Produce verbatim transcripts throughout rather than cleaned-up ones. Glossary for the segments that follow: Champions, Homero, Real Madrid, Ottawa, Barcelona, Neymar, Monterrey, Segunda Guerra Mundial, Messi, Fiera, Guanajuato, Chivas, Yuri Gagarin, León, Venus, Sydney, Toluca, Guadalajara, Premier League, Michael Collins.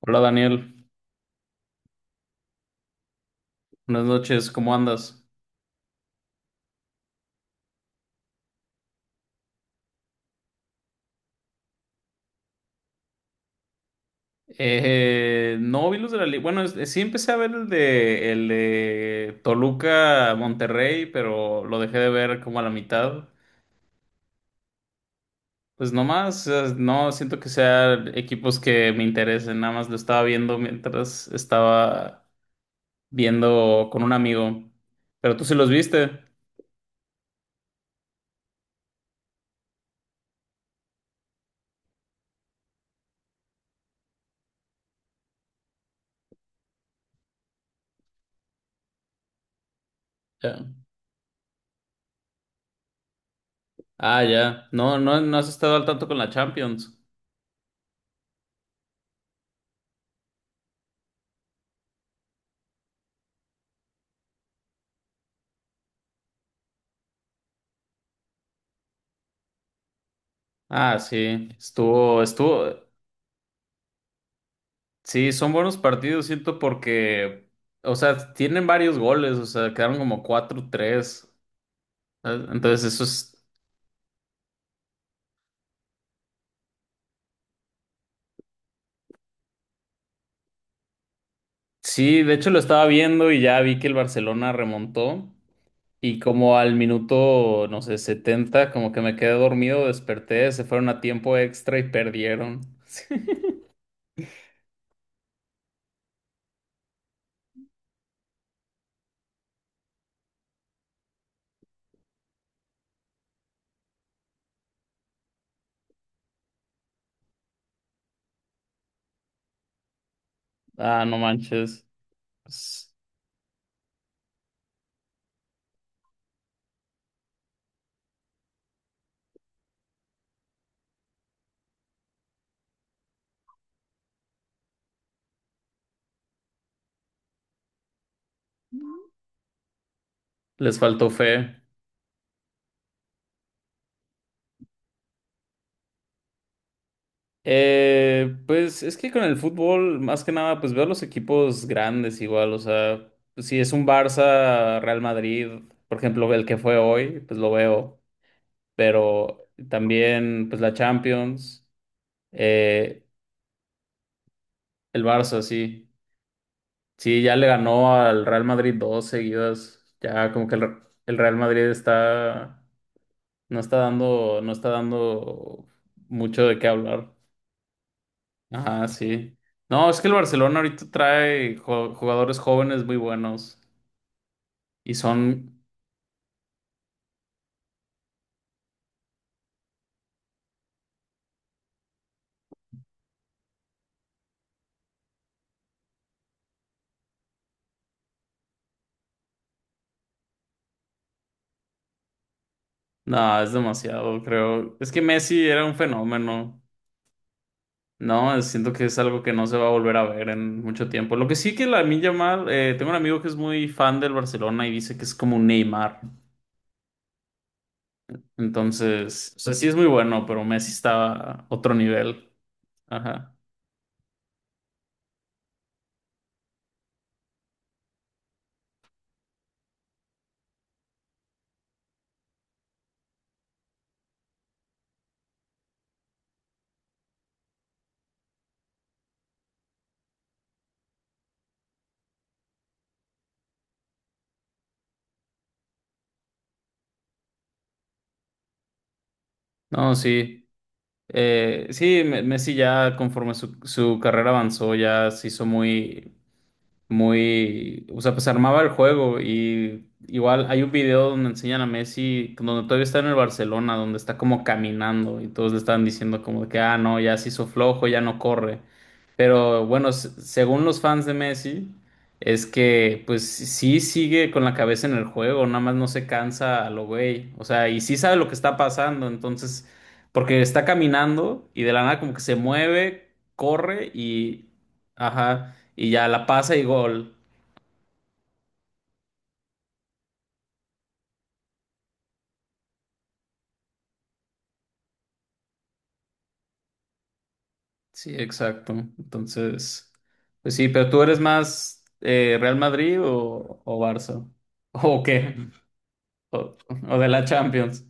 Hola Daniel, buenas noches, ¿cómo andas? Eh, no vi los de la liga. Bueno, es- eh, sí empecé a ver el de, el de Toluca Monterrey, pero lo dejé de ver como a la mitad. Pues no más, eh, no siento que sean equipos que me interesen, nada más lo estaba viendo mientras estaba viendo con un amigo. Pero tú sí los viste. Ya. Ah, ya. No, no, no has estado al tanto con la Champions. Ah, sí. Estuvo, estuvo. Sí, son buenos partidos, siento, porque, o sea, tienen varios goles, o sea, quedaron como cuatro tres, ¿sabes? Entonces, eso es... Sí, de hecho lo estaba viendo y ya vi que el Barcelona remontó y como al minuto, no sé, setenta como que me quedé dormido, desperté, se fueron a tiempo extra y perdieron. Ah, no manches, pues, les faltó fe. Eh, pues es que con el fútbol, más que nada, pues veo los equipos grandes igual, o sea, si es un Barça, Real Madrid, por ejemplo, el que fue hoy, pues lo veo, pero también pues la Champions, eh, el Barça, sí, sí, ya le ganó al Real Madrid dos seguidas, ya como que el, el Real Madrid está, no está dando, no está dando mucho de qué hablar. Ajá, sí. No, es que el Barcelona ahorita trae jo- jugadores jóvenes muy buenos y son, nada, es demasiado, creo. Es que Messi era un fenómeno, ¿no? Siento que es algo que no se va a volver a ver en mucho tiempo. Lo que sí que la milla mal, eh, tengo un amigo que es muy fan del Barcelona y dice que es como un Neymar. Entonces, o sea, sí es muy bueno, pero Messi está a otro nivel. Ajá. No, sí. Eh, sí, Me- Messi ya conforme su, su carrera avanzó, ya se hizo muy, muy, o sea, pues armaba el juego y igual hay un video donde enseñan a Messi, donde todavía está en el Barcelona, donde está como caminando y todos le estaban diciendo como de que, ah, no, ya se hizo flojo, ya no corre. Pero bueno, se- según los fans de Messi, es que pues sí sigue con la cabeza en el juego, nada más no se cansa a lo güey, o sea, y sí sabe lo que está pasando, entonces, porque está caminando y de la nada como que se mueve, corre y... Ajá y ya la pasa y gol. Sí, exacto. Entonces, pues sí, pero tú eres más eh, Real Madrid o, o Barça. ¿O qué? O, o de la Champions.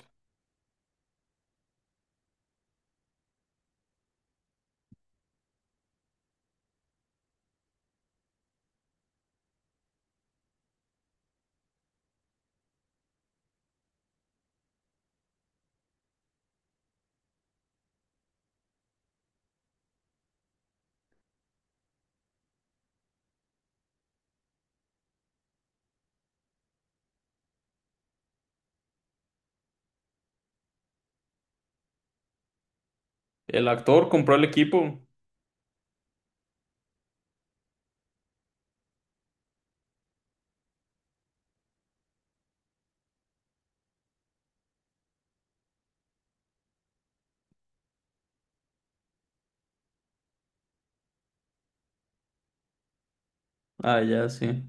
El actor compró el equipo. Ah, ya, sí.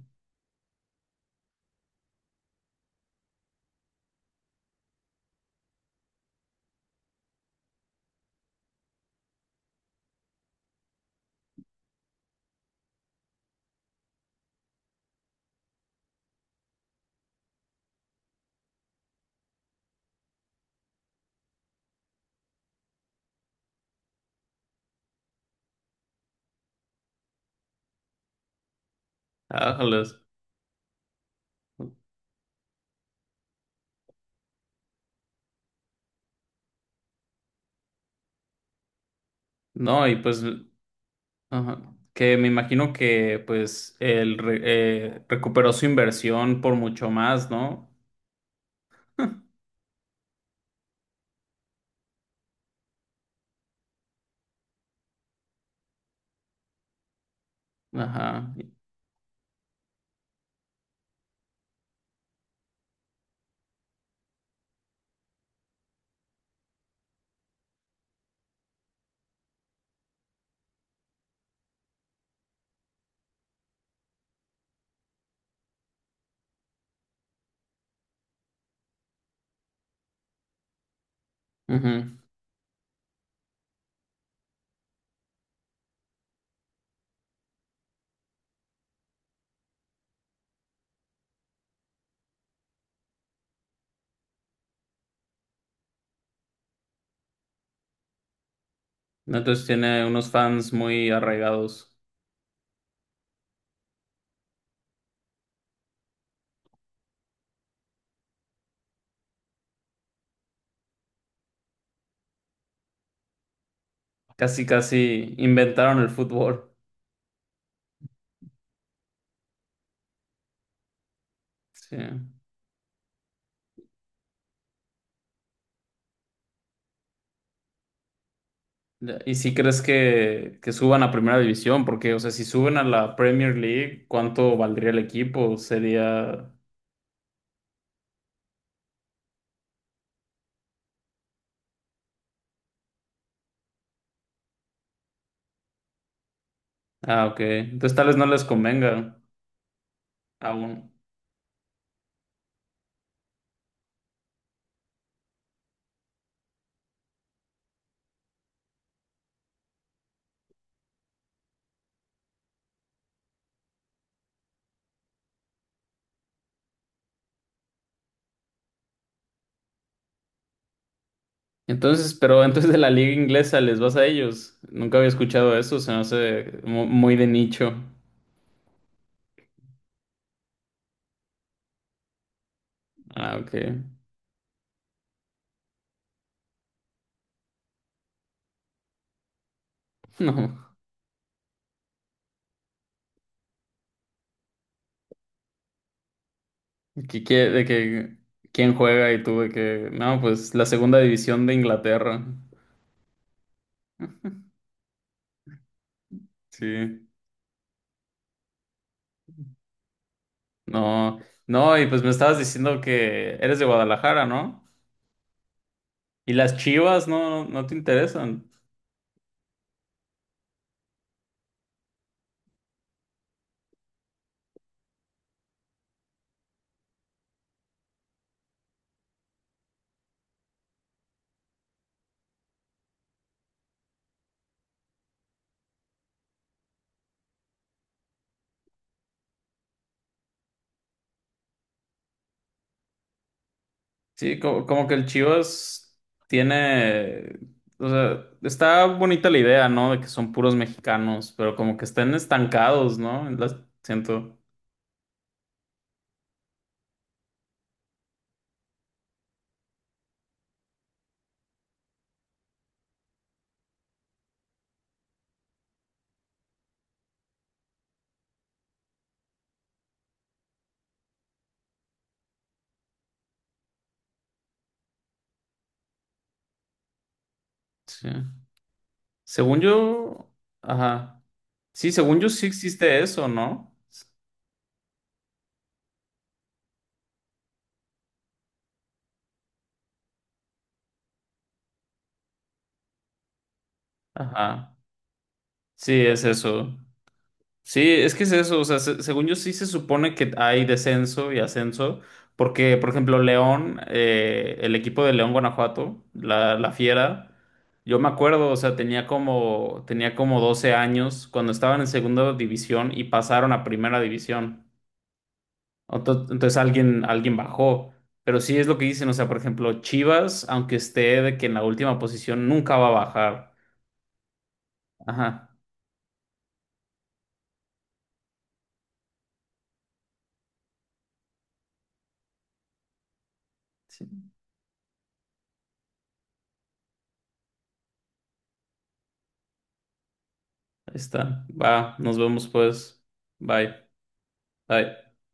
Ájales. No, y pues, ajá, que me imagino que pues él re- eh, recuperó su inversión por mucho más, ¿no? Ajá. Ujú. Entonces tiene unos fans muy arraigados. Casi, casi inventaron el fútbol. Sí. Ya, ¿y si crees que, que suban a primera división? Porque, o sea, si suben a la Premier League, ¿cuánto valdría el equipo? Sería... Ah, ok. Entonces tal vez no les convenga aún. Entonces, pero entonces de la liga inglesa les vas a ellos. Nunca había escuchado eso, se me hace mu- muy de nicho. Ah, ok. No. ¿Qué- qué- de que quién juega y tú de que... No, pues la segunda división de Inglaterra. Sí. No, no, y pues me estabas diciendo que eres de Guadalajara, ¿no? Y las Chivas no, no te interesan. Sí, co- como, que el Chivas tiene, o sea, está bonita la idea, ¿no? De que son puros mexicanos, pero como que están estancados, ¿no? En las, siento. Sí. Según yo, ajá. Sí, según yo sí existe eso, ¿no? Ajá. Sí, es eso. Sí, es que es eso, o sea, se- según yo sí se supone que hay descenso y ascenso, porque, por ejemplo, León, eh, el equipo de León Guanajuato, la, la Fiera, yo me acuerdo, o sea, tenía como, tenía como doce años cuando estaban en segunda división y pasaron a primera división. Ento- Entonces, alguien, alguien bajó, pero sí es lo que dicen, o sea, por ejemplo, Chivas, aunque esté de que en la última posición, nunca va a bajar. Ajá, sí, ahí está, va, nos vemos pues, bye. Ay.